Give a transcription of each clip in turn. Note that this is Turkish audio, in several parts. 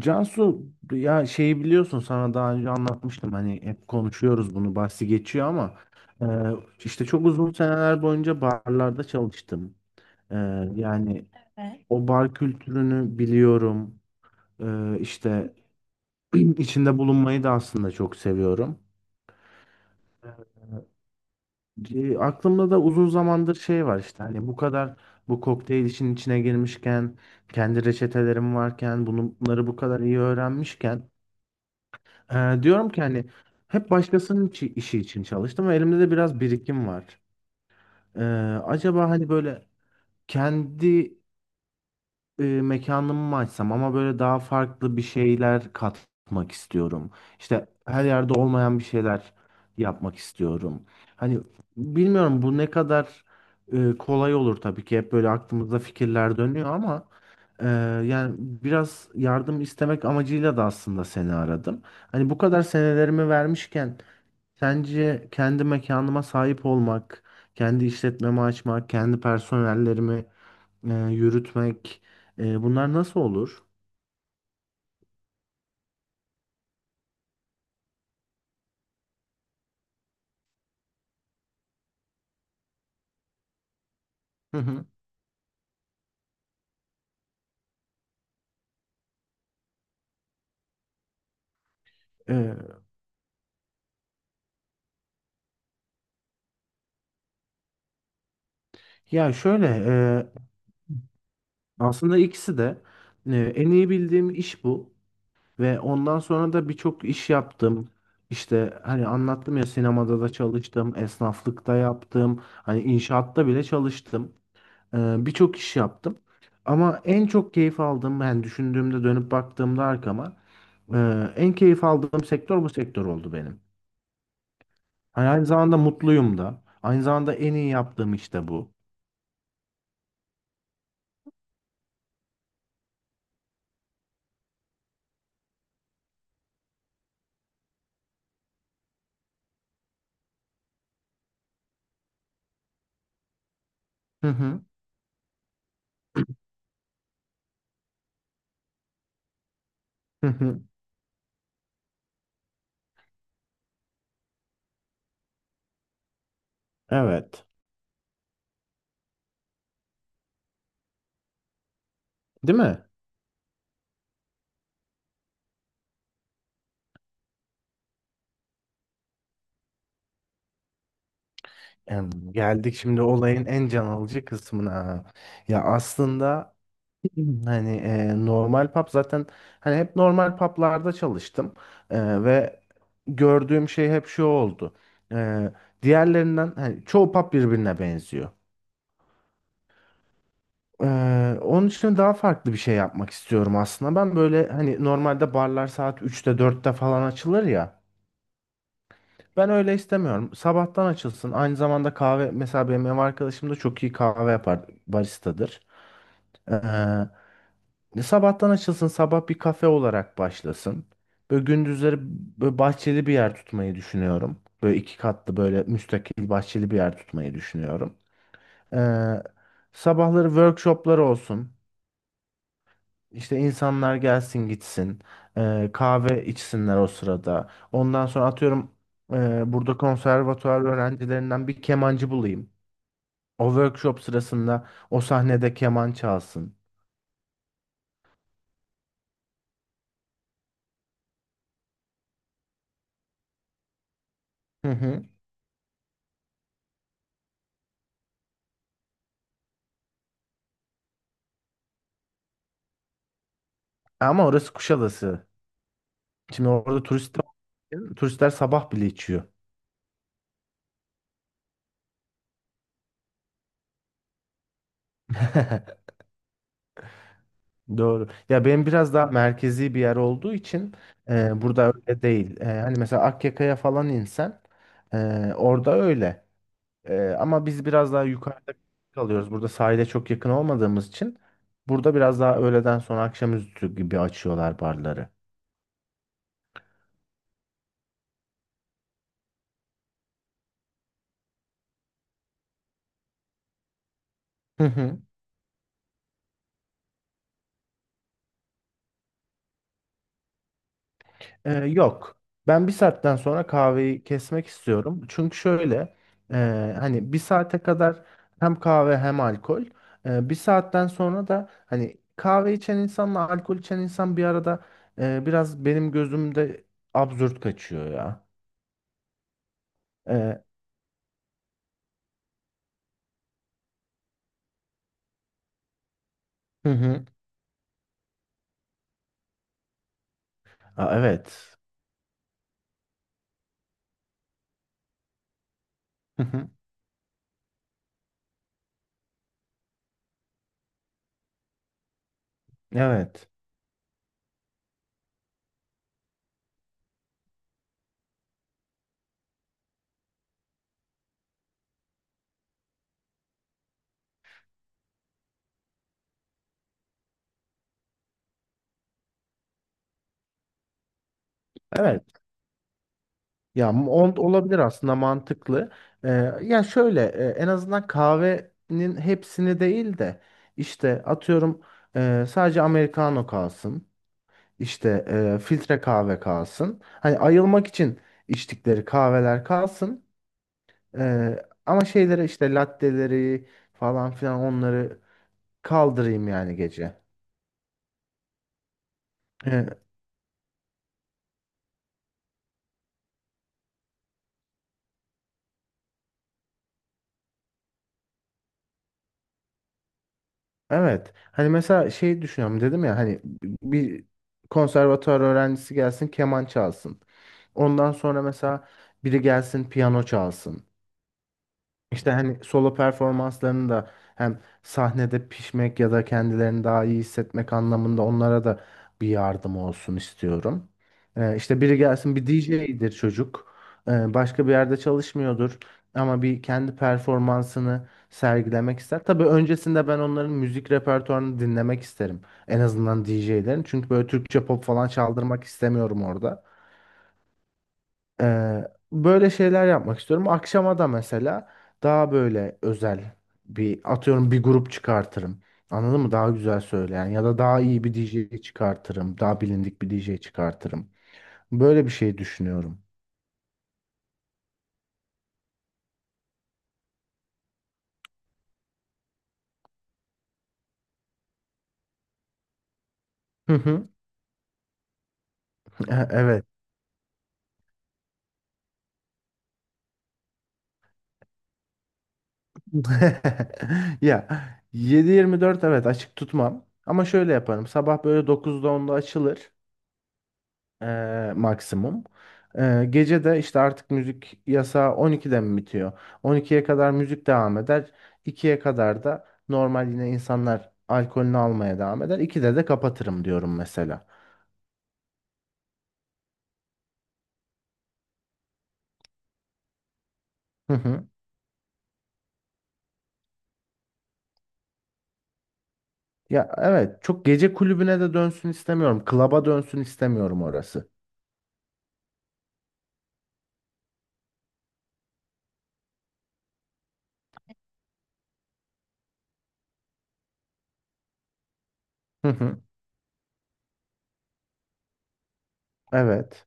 Cansu, ya şeyi biliyorsun, sana daha önce anlatmıştım, hani hep konuşuyoruz, bunu bahsi geçiyor ama e, işte çok uzun seneler boyunca barlarda çalıştım. E, Yani o bar kültürünü biliyorum. İşte içinde bulunmayı da aslında çok seviyorum. Aklımda da uzun zamandır şey var, işte hani bu kadar bu kokteyl işin içine girmişken, kendi reçetelerim varken, bunları bu kadar iyi öğrenmişken, diyorum ki hani hep başkasının işi için çalıştım ve elimde de biraz birikim var. Ee, Acaba hani böyle kendi mekanımı mı açsam, ama böyle daha farklı bir şeyler katmak istiyorum. İşte her yerde olmayan bir şeyler yapmak istiyorum. Hani bilmiyorum bu ne kadar kolay olur, tabii ki hep böyle aklımızda fikirler dönüyor, ama e, yani biraz yardım istemek amacıyla da aslında seni aradım. Hani bu kadar senelerimi vermişken, sence kendi mekanıma sahip olmak, kendi işletmemi açmak, kendi personellerimi yürütmek, bunlar nasıl olur? Hı hı. E, ya şöyle, aslında ikisi de en iyi bildiğim iş bu ve ondan sonra da birçok iş yaptım. İşte hani anlattım ya, sinemada da çalıştım, esnaflıkta yaptım, hani inşaatta bile çalıştım. Birçok iş yaptım. Ama en çok keyif aldığım, ben düşündüğümde, dönüp baktığımda arkama, e, en keyif aldığım sektör bu sektör oldu benim. Hani aynı zamanda mutluyum da. Aynı zamanda en iyi yaptığım iş de bu. Hı hı. Hı hı. Evet. Değil mi? Geldik şimdi olayın en can alıcı kısmına. Ya aslında hani normal pub zaten, hani hep normal publarda çalıştım. Ve gördüğüm şey hep şu oldu. E, Diğerlerinden hani çoğu pub birbirine benziyor. Onun için daha farklı bir şey yapmak istiyorum aslında. Ben böyle hani normalde barlar saat üçte dörtte falan açılır ya. Ben öyle istemiyorum. Sabahtan açılsın. Aynı zamanda kahve, mesela benim ev arkadaşım da çok iyi kahve yapar. Baristadır. Ee, Ne sabahtan açılsın, sabah bir kafe olarak başlasın. Böyle gündüzleri böyle bahçeli bir yer tutmayı düşünüyorum. Böyle iki katlı, böyle müstakil bahçeli bir yer tutmayı düşünüyorum. Ee, Sabahları workshoplar olsun. İşte insanlar gelsin gitsin. Kahve içsinler o sırada. Ondan sonra atıyorum, burada konservatuvar öğrencilerinden bir kemancı bulayım. O workshop sırasında o sahnede keman çalsın. Hı hı. Ama orası Kuşadası. Şimdi orada turistler, turistler sabah bile içiyor. Doğru. Ya benim biraz daha merkezi bir yer olduğu için burada öyle değil. Hani mesela Akyaka'ya falan insen e, orada öyle. Ama biz biraz daha yukarıda kalıyoruz. Burada sahile çok yakın olmadığımız için, burada biraz daha öğleden sonra akşamüstü gibi açıyorlar barları. Yok. Ben bir saatten sonra kahveyi kesmek istiyorum. Çünkü şöyle, e, hani bir saate kadar hem kahve hem alkol. Bir saatten sonra da hani kahve içen insanla alkol içen insan bir arada biraz benim gözümde absürt kaçıyor ya. E, hı hı. Aa, evet. Hı hı. Evet. Evet. Ya, olabilir aslında, mantıklı. Ee, ya şöyle, en azından kahvenin hepsini değil de, işte atıyorum, sadece americano kalsın. İşte filtre kahve kalsın. Hani ayılmak için içtikleri kahveler kalsın. Ama şeylere, işte latteleri falan filan, onları kaldırayım yani gece. E, Evet. Hani mesela şey düşünüyorum, dedim ya hani bir konservatuar öğrencisi gelsin keman çalsın. Ondan sonra mesela biri gelsin piyano çalsın. İşte hani solo performanslarını da hem sahnede pişmek ya da kendilerini daha iyi hissetmek anlamında onlara da bir yardım olsun istiyorum. İşte biri gelsin, bir DJ'dir çocuk. Başka bir yerde çalışmıyordur ama bir kendi performansını sergilemek ister. Tabii öncesinde ben onların müzik repertuarını dinlemek isterim. En azından DJ'lerin. Çünkü böyle Türkçe pop falan çaldırmak istemiyorum orada. Ee, Böyle şeyler yapmak istiyorum. Akşama da mesela daha böyle özel bir, atıyorum, bir grup çıkartırım. Anladın mı? Daha güzel söyleyen ya da daha iyi bir DJ çıkartırım. Daha bilindik bir DJ çıkartırım. Böyle bir şey düşünüyorum. Hı hı. Evet. Ya, 7-24 evet açık tutmam. Ama şöyle yaparım. Sabah böyle 9'da 10'da açılır. Maksimum. Gece de işte artık müzik yasağı 12'de mi bitiyor? 12'ye kadar müzik devam eder. 2'ye kadar da normal yine insanlar alkolünü almaya devam eder. 2'de de kapatırım diyorum mesela. Hı hı. Ya evet, çok gece kulübüne de dönsün istemiyorum. Klaba dönsün istemiyorum orası. Hı hı. Evet.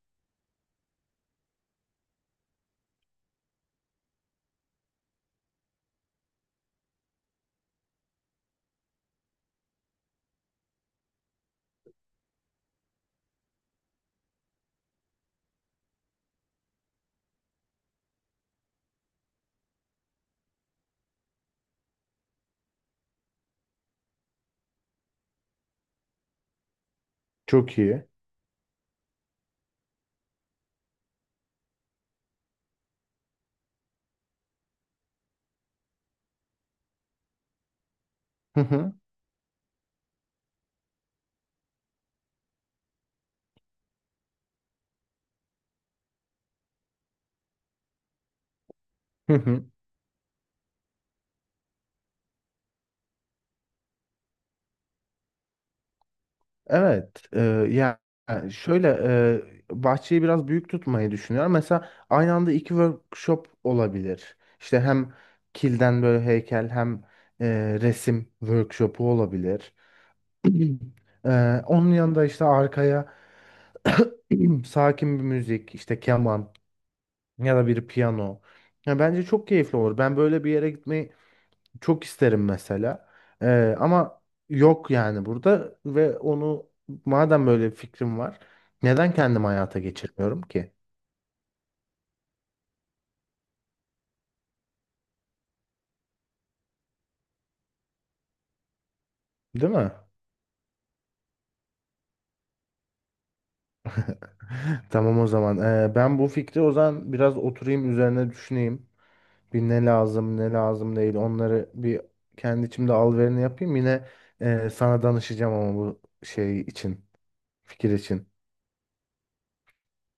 Çok iyi. Hı hı. Hı hı. Evet, ya yani şöyle, bahçeyi biraz büyük tutmayı düşünüyorum. Mesela aynı anda iki workshop olabilir. İşte hem kilden böyle heykel hem resim workshopu olabilir. Onun yanında işte arkaya sakin bir müzik, işte keman ya da bir piyano. Ya bence çok keyifli olur. Ben böyle bir yere gitmeyi çok isterim mesela. Ama yok yani burada, ve onu, madem böyle bir fikrim var, neden kendim hayata geçirmiyorum ki? Değil mi? Tamam o zaman. Ben bu fikri o zaman biraz oturayım üzerine düşüneyim. Bir ne lazım ne lazım değil, onları bir kendi içimde alverini yapayım. Yine sana danışacağım ama bu şey için, fikir için.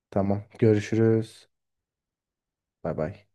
Tamam, görüşürüz. Bay bay.